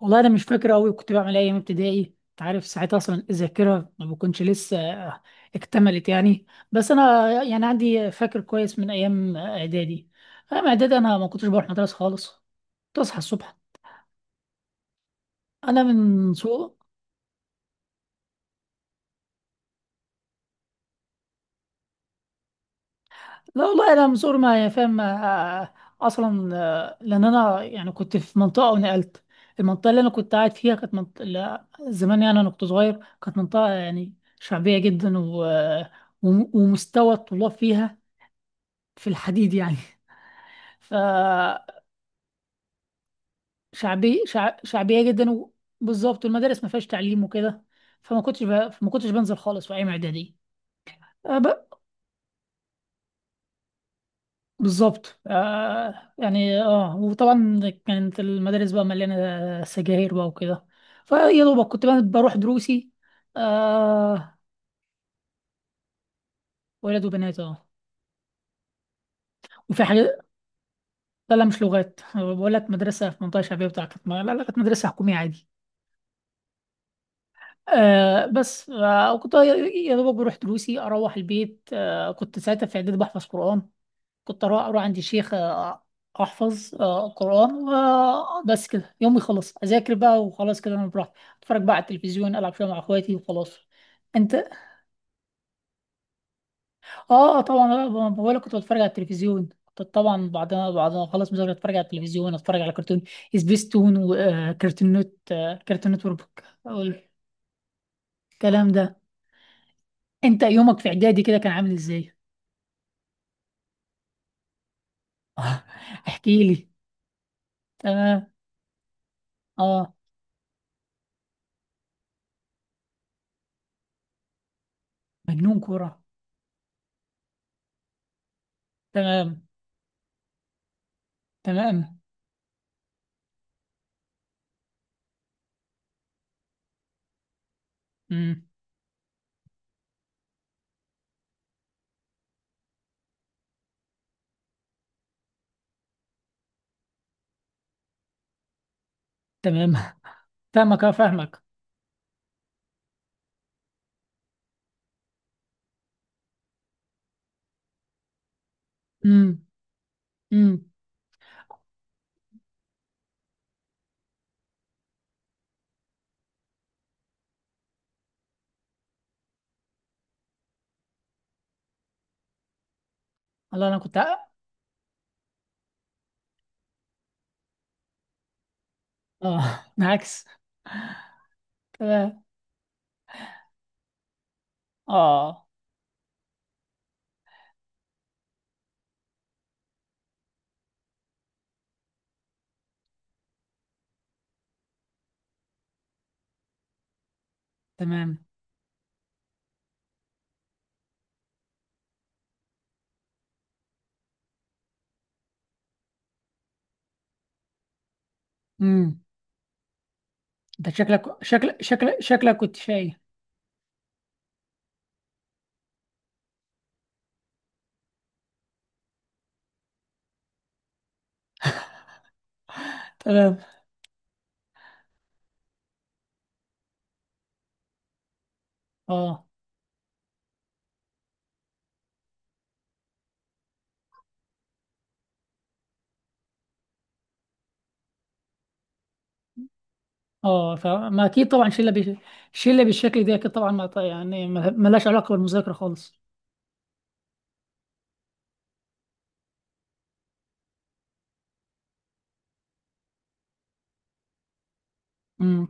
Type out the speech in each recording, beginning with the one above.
والله انا مش فاكر قوي كنت بعمل ايه ايام ابتدائي. انت عارف ساعتها اصلا الذاكره ما بكونش لسه اكتملت يعني. بس انا يعني عندي فاكر كويس من ايام اعدادي. ايام اعدادي انا ما كنتش بروح مدرسه خالص. كنت اصحى الصبح. انا من صغر. لا والله، انا من صغر ما يعني فاهم. اصلا، لان انا يعني كنت في منطقه ونقلت. المنطقه اللي انا كنت قاعد فيها كانت منطقه، لا، زمان يعني انا كنت صغير كانت منطقه يعني شعبيه جدا ومستوى الطلاب فيها في الحديد يعني. شعبيه جدا، وبالظبط المدارس ما فيهاش تعليم وكده. فما كنتش بنزل خالص في ايام اعدادي. آه ب... بالظبط. وطبعا كانت المدارس بقى مليانه سجاير بقى وكده، فيا دوبك كنت بقى بروح دروسي. آه. ولاد وبنات، اه. وفي حاجات. لا لا مش لغات، أنا بقول لك مدرسه في منطقه شعبيه بتاعتك. لا لا كانت مدرسه حكوميه عادي. آه بس، آه كنت يا دوبك بروح دروسي، اروح البيت. كنت ساعتها في اعدادي بحفظ قرآن. كنت اروح عند الشيخ. احفظ قرآن. وبس كده يومي يخلص اذاكر بقى، وخلاص كده انا براحتي اتفرج بقى على التلفزيون، العب شويه مع اخواتي وخلاص. انت. اه طبعا، بقول كنت بتفرج على التلفزيون. كنت طبعا بعدها خلاص مذاكره اتفرج على التلفزيون، اتفرج على كرتون سبيستون وكرتون نت، كرتون نتورك والكلام ده. انت يومك في اعدادي كده كان عامل ازاي؟ آه. احكي لي. تمام. اه. مجنون كورة. تمام. تمام. امم. تمام. فاهمك، اه فاهمك. امم. امم. الله، انا كنت. اه بالعكس. تمام. اه. تمام. امم. انت شكلك كنت شايف. تمام. اه. اه فما اكيد طبعا شله بالشكل ده اكيد طبعا، ما ط- يعني ما ما لهاش علاقه بالمذاكره خالص. امم.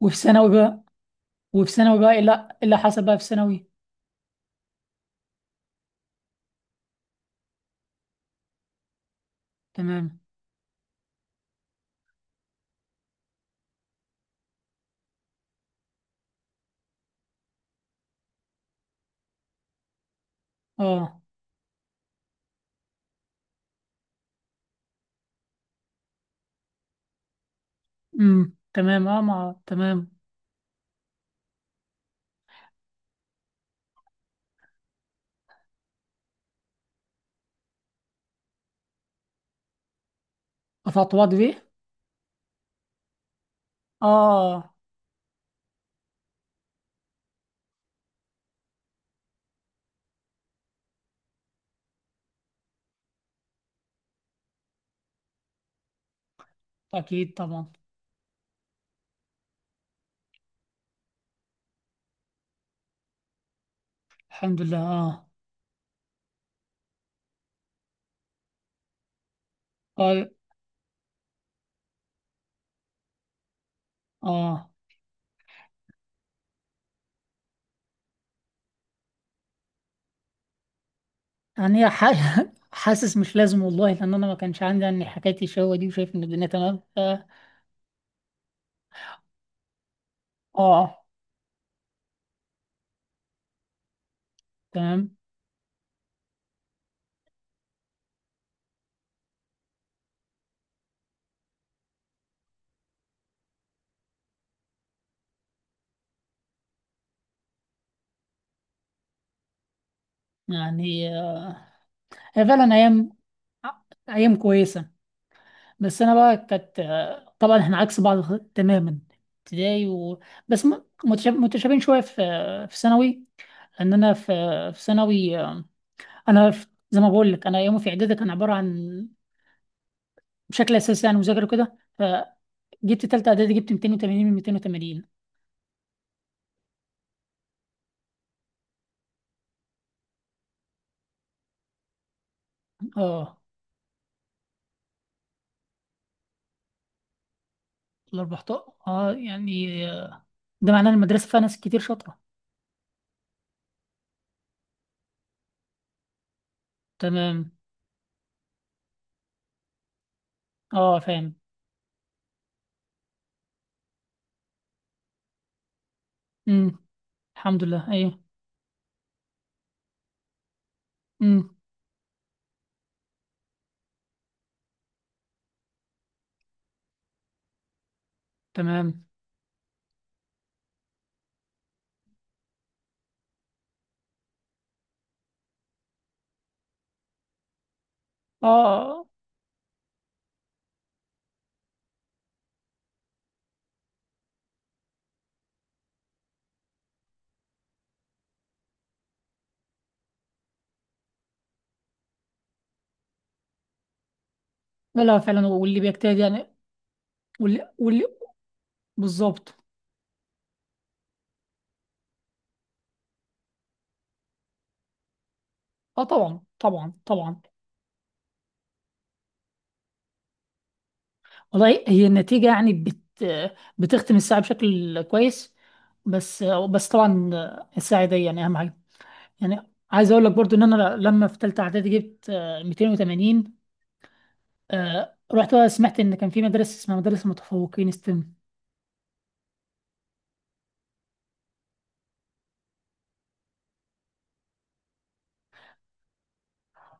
وفي ثانوي بقى. وفي ثانوي بقى، إيه، لا، إيه اللي حصل بقى في ثانوي؟ تمام. اه. تمام، اه مع تمام. افطوات بيه. اه. اكيد طبعا. الحمد لله، اه. اه. اه. يعني ح... حاسس مش لازم والله، لان انا ما كانش عندي يعني حكايه الشهوه دي، وشايف ان الدنيا تمام، ف آه. تمام. يعني آه. هي فعلا ايام، ايام كويسه. بس انا بقى كانت، طبعا احنا عكس بعض تماما. ابتدائي. و... متشابهين شويه في في ثانوي. لان انا في في ثانوي، انا زي ما بقول لك انا يومي في اعدادي كان عباره عن، بشكل اساسي يعني مذاكره كده، فجبت تالتة اعدادي، جبت 280 من 280. اه ال 14. اه يعني، ده معناه إن المدرسه فيها ناس كتير شاطره. تمام اه فاهم. امم. الحمد لله ايوه. امم. تمام. اه لا لا فعلا، واللي بيجتهد يعني. واللي بالظبط. اه طبعا طبعا طبعا. والله هي النتيجة، يعني بت بتختم الساعة بشكل كويس، بس بس طبعا الساعة دي يعني أهم حاجة. يعني عايز أقول لك برضو إن أنا لما في تالتة إعدادي جبت، 280. رحت بقى سمعت إن كان في مدرسة اسمها مدرسة متفوقين ستيم.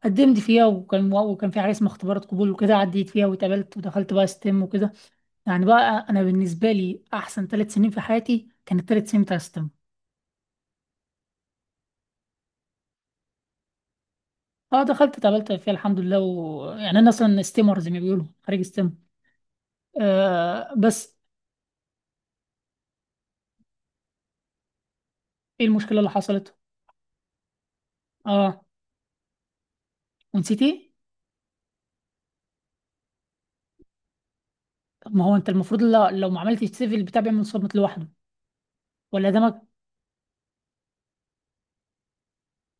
قدمت فيها، وكان في حاجة اسمها اختبارات قبول وكده، عديت فيها واتقبلت ودخلت بقى ستيم وكده. يعني بقى انا بالنسبه لي احسن ثلاث سنين في حياتي كانت الثلاث سنين بتاع ستيم. اه دخلت اتقابلت فيها الحمد لله، ويعني انا اصلا ستيمر زي ما بيقولوا، خريج ستيم. آه بس. ايه المشكله اللي حصلت؟ اه ونسيت ايه؟ طب ما هو انت المفروض، لا، لو ما عملتش سيف البتاع بيعمل صامت لوحده. ولا ده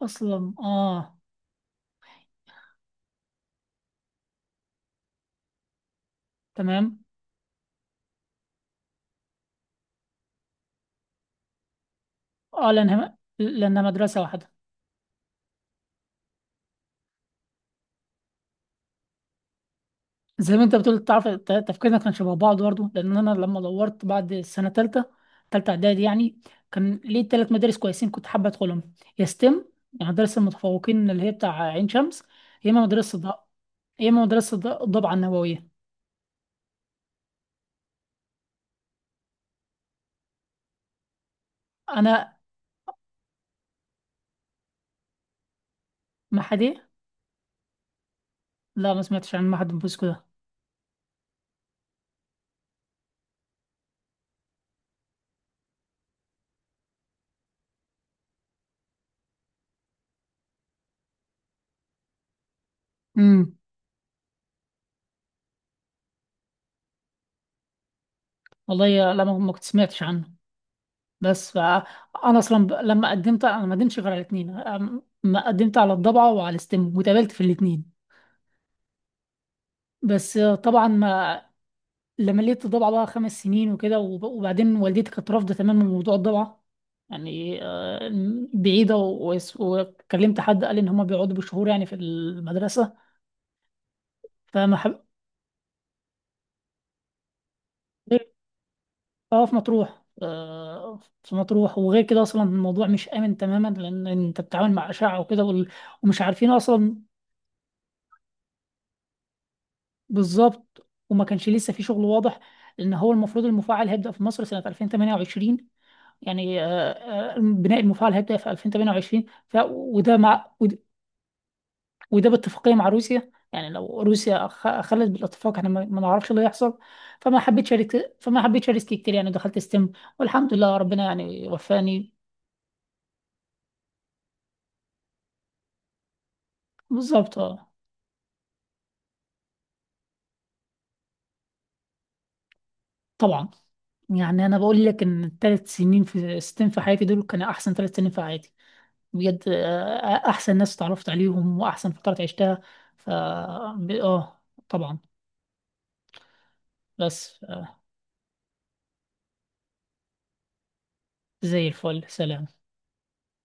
اصلا؟ اه. تمام. اه لانها مدرسه واحده. زي ما انت بتقول، تعرف تفكيرنا كان شبه بعض برضه. لان انا لما دورت بعد السنه ثالثه، ثالثه اعدادي يعني، كان ليه ثلاث مدارس كويسين كنت حابه ادخلهم. يا ستيم، يعني مدرسه المتفوقين اللي هي بتاع عين شمس، يا اما مدرسه ض- يا اما مدرسه ضبعه النوويه. انا ما. لا ما سمعتش عن معهد بوسكو ده. امم. والله لا ما ما كنت سمعتش عنه، بس ف- انا اصلا لما قدمت انا ما قدمتش غير على الاثنين، ما قدمت على الضبعه وعلى الستم واتقابلت في الاثنين. بس طبعا ما. لما لقيت الضبعه بقى خمس سنين وكده وبعدين والدتي كانت رافضه تماما موضوع الضبعه. يعني بعيده وكلمت حد قال ان هم بيقعدوا بشهور يعني في المدرسه. فما حب... اه في مطروح، في مطروح. وغير كده اصلا الموضوع مش امن تماما، لان انت بتتعامل مع اشعه وكده ومش عارفين اصلا. بالظبط، وما كانش لسه في شغل واضح. لان هو المفروض المفاعل هيبدا في مصر سنه 2028. يعني، بناء المفاعل هيبدا في 2028. ف وده مع وده باتفاقيه مع روسيا. يعني لو روسيا خلت بالاتفاق، احنا ما ما نعرفش اللي هيحصل. فما حبيتش اريسك كتير، يعني دخلت ستيم والحمد لله ربنا يعني وفاني. بالظبط اه طبعا. يعني انا بقول لك ان الثلاث سنين في ستين في حياتي دول كانوا احسن ثلاث سنين في حياتي بجد. احسن ناس اتعرفت عليهم واحسن فترات عشتها. ف ب- اه طبعا، بس زي الفل. سلام.